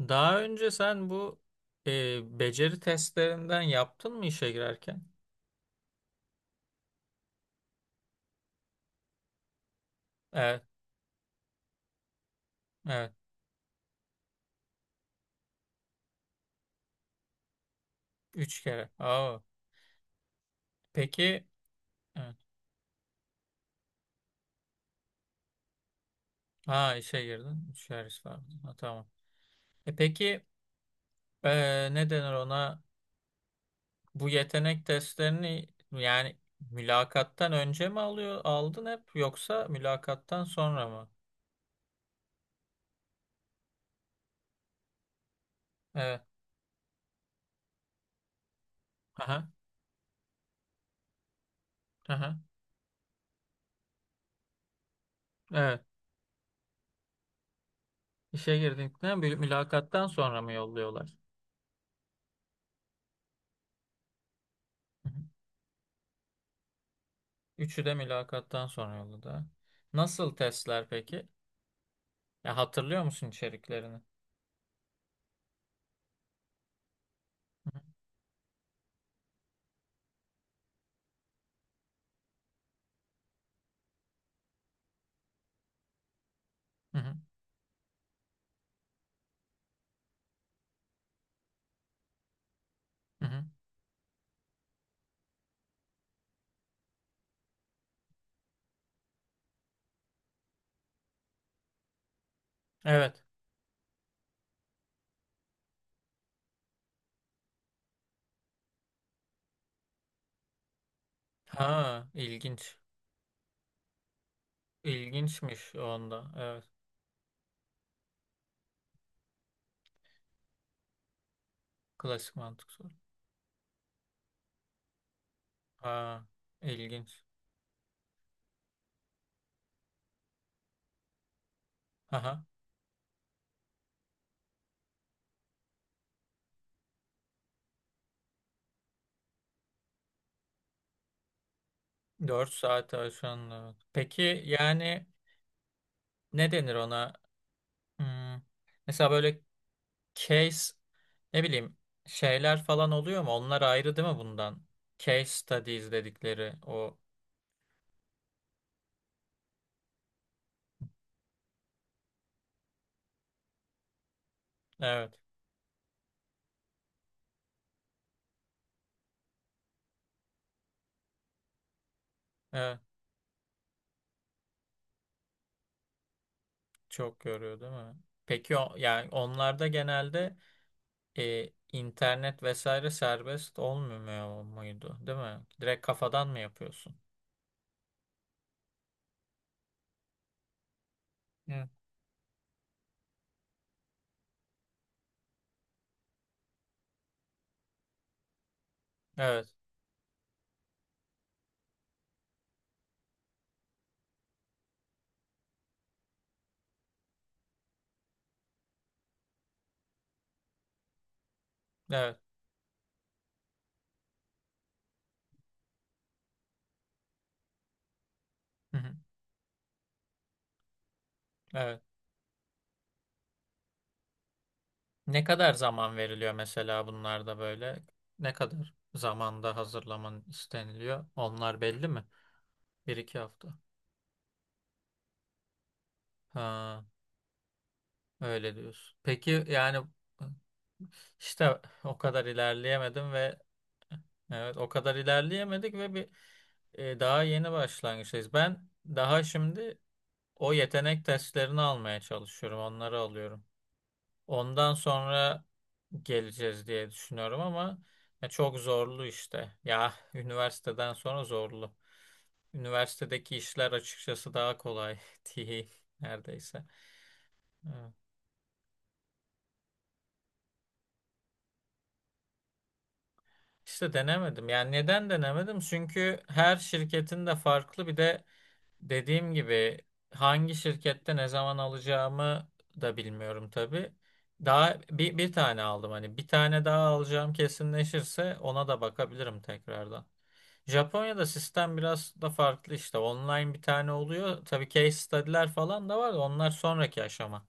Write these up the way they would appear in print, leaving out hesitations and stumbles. Daha önce sen bu beceri testlerinden yaptın mı işe girerken? Evet, evet. Üç kere. Aa, peki, evet. Ha, işe girdin. Üç kere istedin. Ha, tamam. E peki, ne denir ona? Bu yetenek testlerini yani mülakattan önce mi alıyor, aldın hep, yoksa mülakattan sonra mı? Evet. Aha, aha. Evet. İşe girdikten, mülakattan sonra mı yolluyorlar? Hı hı. Üçü de mülakattan sonra yolladı. Nasıl testler peki? Ya, hatırlıyor musun içeriklerini? Hı hı hı hı. Evet. Ha, ilginç. İlginçmiş onda. Evet. Klasik mantık soru. Ha, ilginç. Aha. 4 saat aşan. Evet. Peki yani ne denir ona? Hmm, mesela böyle case, ne bileyim, şeyler falan oluyor mu? Onlar ayrı değil mi bundan? Case studies dedikleri o. Evet. Evet. Çok yoruyor değil mi? Peki o, yani onlarda genelde internet vesaire serbest olmuyor muydu, değil mi? Direkt kafadan mı yapıyorsun? Hı. Evet, evet. Hı hı, evet. Ne kadar zaman veriliyor mesela bunlarda böyle? Ne kadar zamanda hazırlaman isteniliyor? Onlar belli mi? Bir iki hafta. Ha, öyle diyorsun. Peki yani işte o kadar ilerleyemedim ve, evet, o kadar ilerleyemedik ve bir daha yeni başlangıçtayız. Ben daha şimdi o yetenek testlerini almaya çalışıyorum, onları alıyorum. Ondan sonra geleceğiz diye düşünüyorum ama ya çok zorlu işte. Ya üniversiteden sonra zorlu. Üniversitedeki işler açıkçası daha kolay diyeyim neredeyse. Evet. İşte denemedim. Yani neden denemedim? Çünkü her şirketin de farklı bir de, dediğim gibi, hangi şirkette ne zaman alacağımı da bilmiyorum tabii. Daha bir tane aldım, hani bir tane daha alacağım kesinleşirse ona da bakabilirim tekrardan. Japonya'da sistem biraz da farklı işte, online bir tane oluyor. Tabii case study'ler falan da var da onlar sonraki aşama.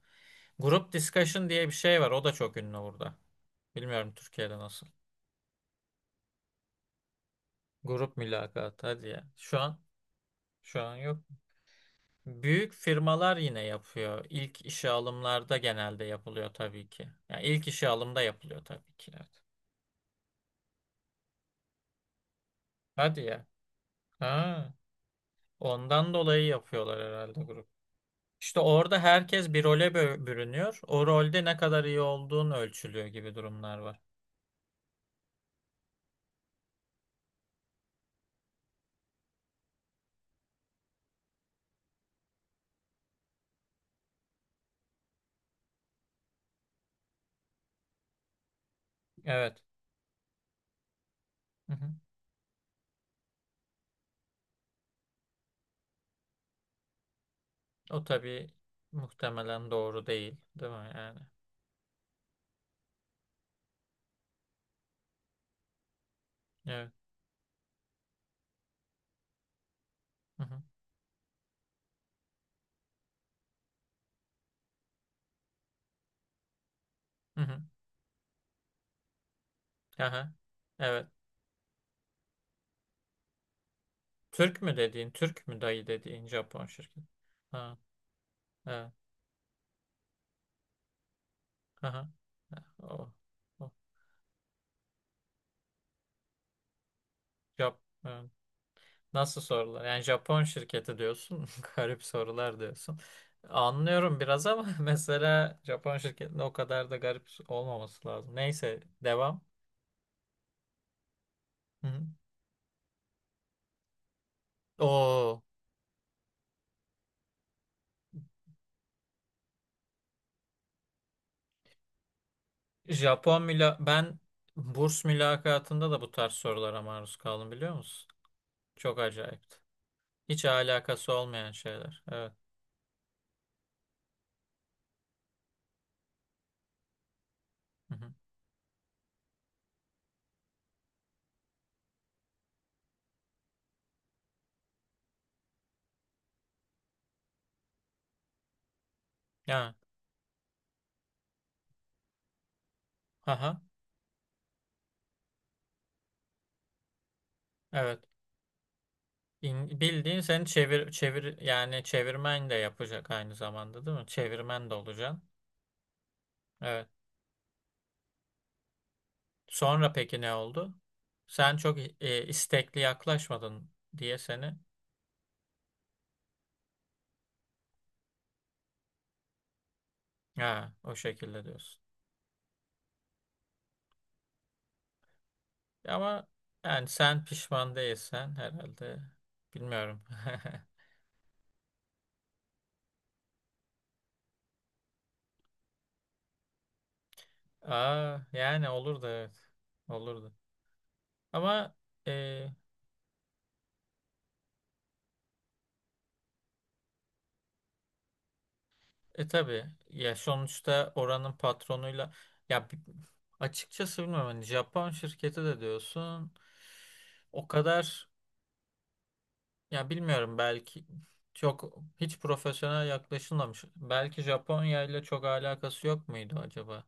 Grup discussion diye bir şey var, o da çok ünlü burada. Bilmiyorum Türkiye'de nasıl. Grup mülakat, hadi ya. Şu an yok. Büyük firmalar yine yapıyor. İlk işe alımlarda genelde yapılıyor tabii ki. Yani ilk işe alımda yapılıyor tabii ki. Evet. Hadi ya. Ha, ondan dolayı yapıyorlar herhalde grup. İşte orada herkes bir role bürünüyor. O rolde ne kadar iyi olduğun ölçülüyor gibi durumlar var. Evet. Hı hı. O tabii muhtemelen doğru değil, değil mi yani? Evet. Hı hı. Hı hı. Aha. Evet. Türk mü dediğin, Türk mü dayı dediğin Japon şirket. Ha, evet. Aha. O, o. Jap- e, Nasıl sorular? Yani Japon şirketi diyorsun. Garip sorular diyorsun. Anlıyorum biraz ama mesela Japon şirketinde o kadar da garip olmaması lazım. Neyse, devam. Hı hı. O. Japon müla Ben burs mülakatında da bu tarz sorulara maruz kaldım, biliyor musun? Çok acayipti. Hiç alakası olmayan şeyler. Evet. Hı hı. Yani. Aha. Evet. Bildiğin sen çevir çevir, yani çevirmen de yapacak aynı zamanda değil mi? Çevirmen de olacaksın. Evet. Sonra peki ne oldu? Sen çok istekli yaklaşmadın diye seni, ha, o şekilde diyorsun. Ama yani sen pişman değilsen herhalde, bilmiyorum. Aa, yani olur da, evet. Olurdu. Ama e, tabii ya, sonuçta oranın patronuyla, ya açıkçası bilmiyorum, hani Japon şirketi de diyorsun, o kadar, ya bilmiyorum, belki çok hiç profesyonel yaklaşılmamış. Belki Japonya ile çok alakası yok muydu acaba?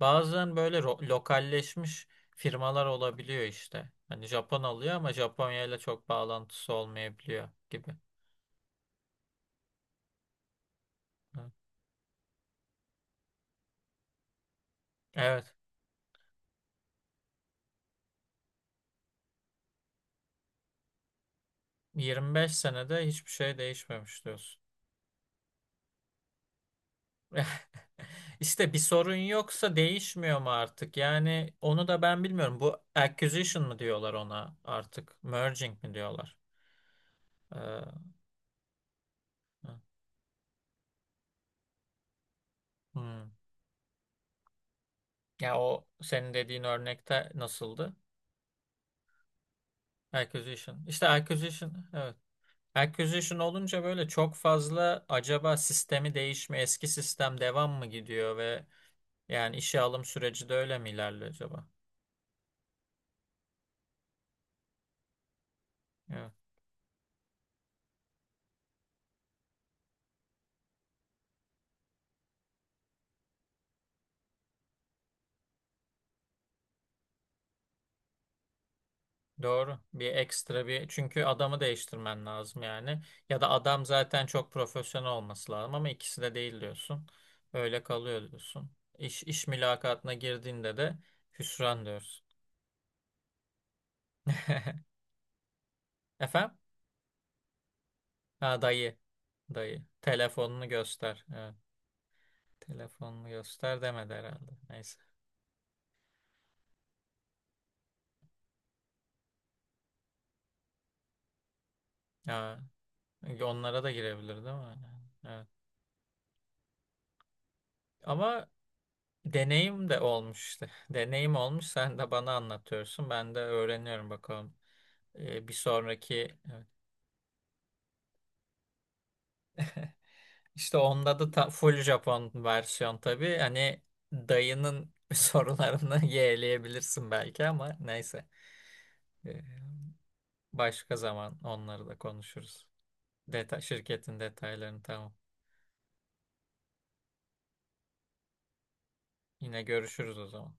Bazen böyle lokalleşmiş firmalar olabiliyor işte. Hani Japon alıyor ama Japonya ile çok bağlantısı olmayabiliyor gibi. Hı. Evet. 25 senede hiçbir şey değişmemiş diyorsun. İşte bir sorun yoksa değişmiyor mu artık? Yani onu da ben bilmiyorum. Bu acquisition mı diyorlar ona artık? Merging mi diyorlar? Ee, hmm. Ya o senin dediğin örnekte nasıldı? Acquisition. İşte acquisition. Evet. Acquisition olunca böyle çok fazla, acaba sistemi değişme, eski sistem devam mı gidiyor ve yani işe alım süreci de öyle mi ilerliyor acaba? Evet. Doğru. Bir ekstra bir, çünkü adamı değiştirmen lazım yani. Ya da adam zaten çok profesyonel olması lazım, ama ikisi de değil diyorsun. Öyle kalıyor diyorsun. İş mülakatına girdiğinde de hüsran diyorsun. Efendim? Ha, dayı. Dayı. Telefonunu göster. Evet. Telefonunu göster demedi herhalde. Neyse. Ha, onlara da girebilir değil mi? Evet. Ama deneyim de olmuş işte. Deneyim olmuş. Sen de bana anlatıyorsun. Ben de öğreniyorum bakalım. Bir sonraki, evet, işte onda da ta- full Japon versiyon tabii. Hani dayının sorularını yeğleyebilirsin belki ama neyse. Ee, Başka zaman onları da konuşuruz. Şirketin detaylarını, tamam. Yine görüşürüz o zaman.